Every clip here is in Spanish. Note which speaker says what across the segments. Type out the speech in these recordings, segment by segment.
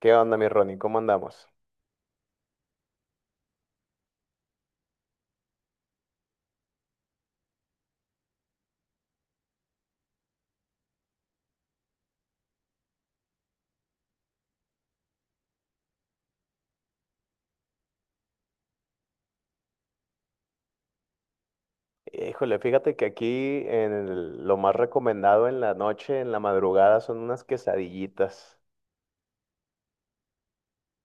Speaker 1: ¿Qué onda, mi Ronnie? ¿Cómo andamos? Híjole, fíjate que aquí lo más recomendado en la noche, en la madrugada, son unas quesadillitas.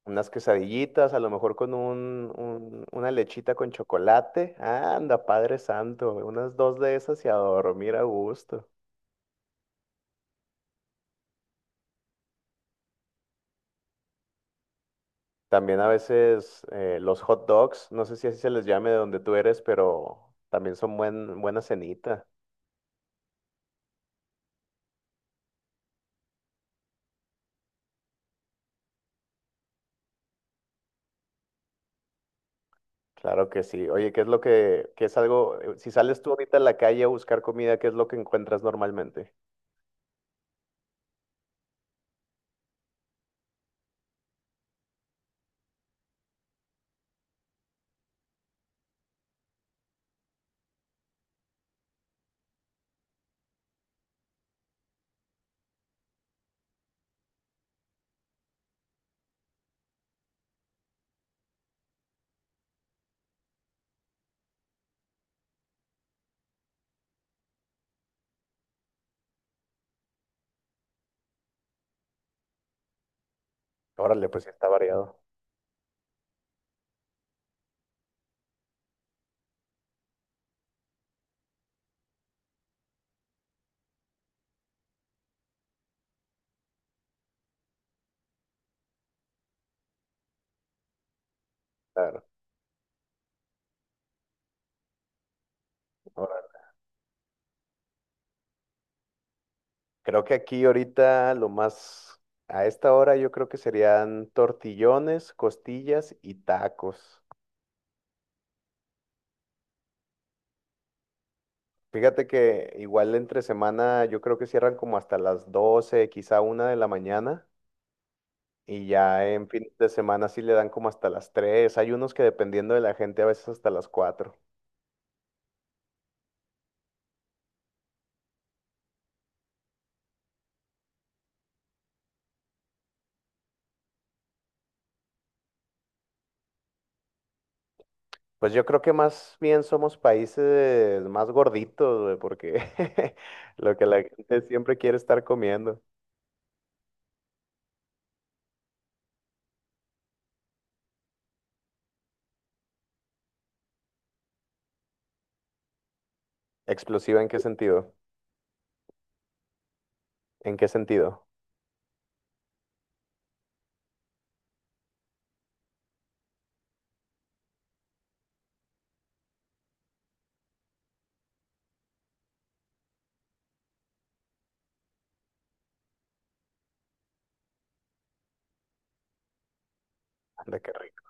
Speaker 1: Unas quesadillitas, a lo mejor con una lechita con chocolate. Anda, Padre Santo, unas dos de esas y a dormir a gusto. También a veces los hot dogs, no sé si así se les llame de donde tú eres, pero también son buena cenita. Claro que sí. Oye, qué es algo, si sales tú ahorita a la calle a buscar comida, ¿qué es lo que encuentras normalmente? Órale, pues sí está variado. Claro. Órale. Creo que aquí ahorita lo más, a esta hora yo creo que serían tortillones, costillas y tacos. Fíjate que igual entre semana yo creo que cierran como hasta las 12, quizá 1 de la mañana. Y ya en fin de semana sí le dan como hasta las 3. Hay unos que dependiendo de la gente a veces hasta las 4. Pues yo creo que más bien somos países más gorditos, güey, porque lo que la gente siempre quiere estar comiendo. ¿Explosiva en qué sentido? ¿En qué sentido? Anda, qué rico.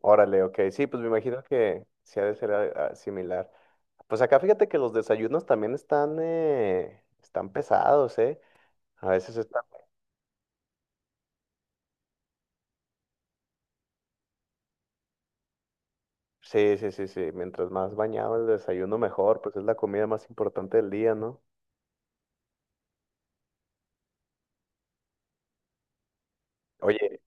Speaker 1: Órale, ok. Sí, pues me imagino que sí ha de ser similar. Pues acá fíjate que los desayunos también están pesados, ¿eh? A veces está... Sí, sí, sí, sí. Mientras más bañado el desayuno, mejor. Pues es la comida más importante del día, ¿no? Oye.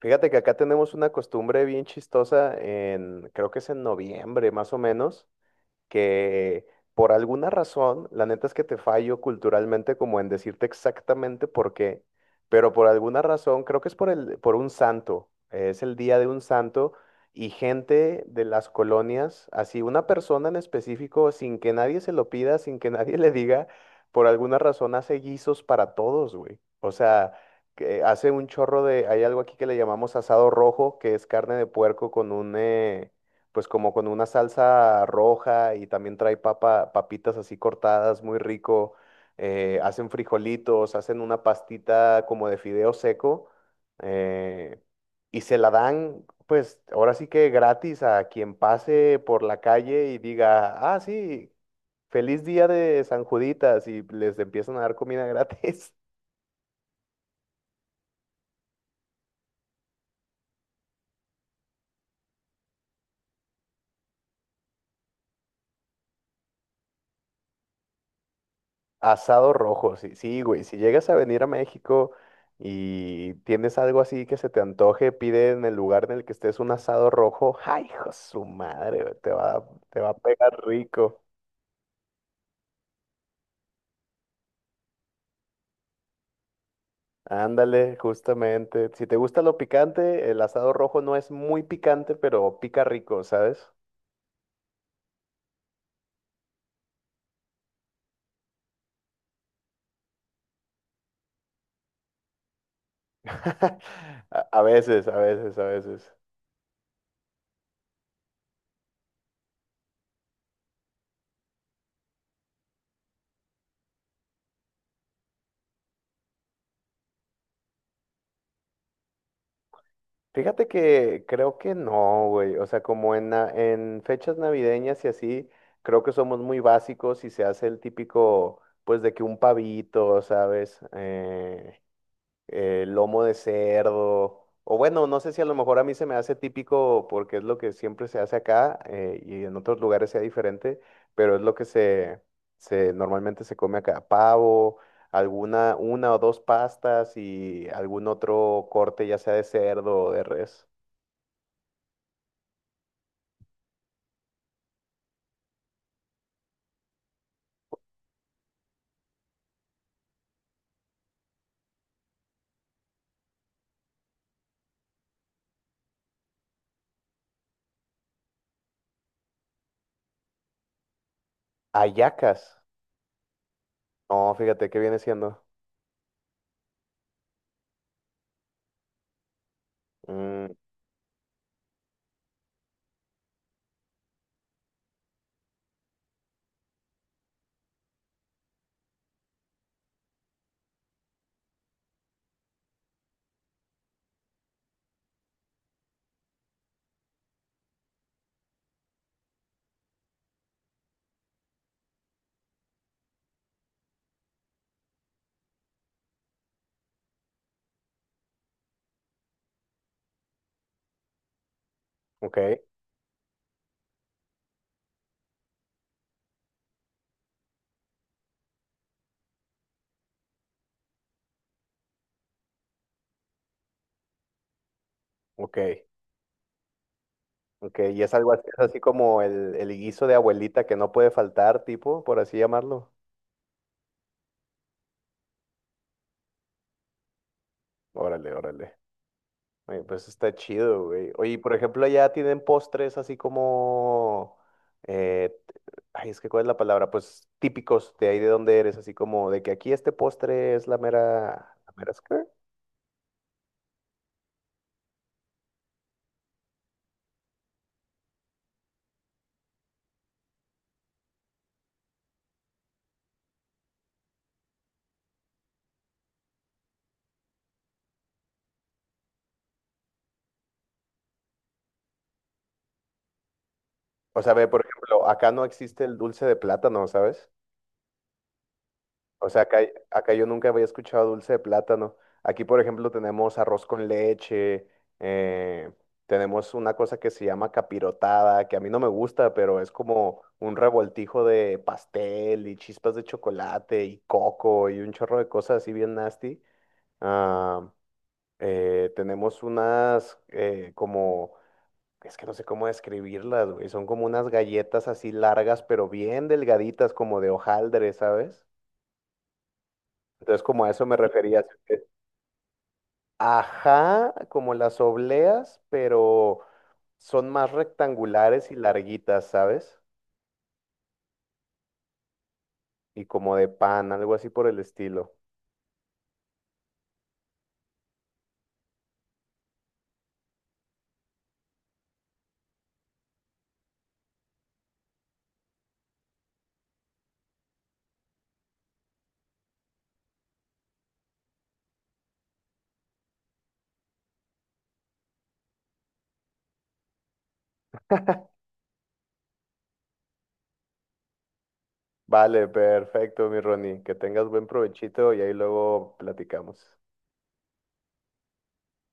Speaker 1: Fíjate que acá tenemos una costumbre bien chistosa creo que es en noviembre más o menos, que por alguna razón, la neta es que te fallo culturalmente como en decirte exactamente por qué, pero por alguna razón, creo que es por un santo, es el día de un santo y gente de las colonias, así una persona en específico, sin que nadie se lo pida, sin que nadie le diga, por alguna razón hace guisos para todos, güey. O sea, que hace un chorro de, hay algo aquí que le llamamos asado rojo, que es carne de puerco con un... pues como con una salsa roja y también trae papitas así cortadas, muy rico. Hacen frijolitos, hacen una pastita como de fideo seco eh, y se la dan, pues ahora sí que gratis a quien pase por la calle y diga, ah, sí, feliz día de San Juditas y les empiezan a dar comida gratis. Asado rojo, sí, sí, güey. Si llegas a venir a México y tienes algo así que se te antoje, pide en el lugar en el que estés un asado rojo. ¡Ay, hijo de su madre! Güey, te va a pegar rico. Ándale, justamente. Si te gusta lo picante, el asado rojo no es muy picante, pero pica rico, ¿sabes? A veces, a veces, a veces. Fíjate que creo que no, güey. O sea, como en fechas navideñas y así, creo que somos muy básicos y se hace el típico, pues, de que un pavito, ¿sabes? Lomo de cerdo. O bueno, no sé si a lo mejor a mí se me hace típico porque es lo que siempre se hace acá y en otros lugares sea diferente, pero es lo que se normalmente se come acá. Pavo una o dos pastas y algún otro corte, ya sea de cerdo o de res. Ayacas. No, fíjate, ¿qué viene siendo? Mm, ok, ok, ok. Y es algo así, es así como el guiso de abuelita que no puede faltar, tipo, por así llamarlo. Órale, órale. Oye, pues está chido, güey. Oye, y por ejemplo, allá tienen postres así como... eh, ay, es que ¿cuál es la palabra? Pues típicos de ahí de donde eres, así como de que aquí este postre es la mera... ¿La mera es qué? O sea, ve, por ejemplo, acá no existe el dulce de plátano, ¿sabes? O sea, acá yo nunca había escuchado dulce de plátano. Aquí, por ejemplo, tenemos arroz con leche, eh, tenemos una cosa que se llama capirotada, que a mí no me gusta, pero es como un revoltijo de pastel y chispas de chocolate y coco y un chorro de cosas así bien nasty. Ah, tenemos unas es que no sé cómo describirlas, güey. Son como unas galletas así largas, pero bien delgaditas, como de hojaldre, ¿sabes? Entonces, como a eso me refería. Así Ajá, como las obleas, pero son más rectangulares y larguitas, ¿sabes? Y como de pan, algo así por el estilo. Vale, perfecto, mi Ronnie. Que tengas buen provechito y ahí luego platicamos.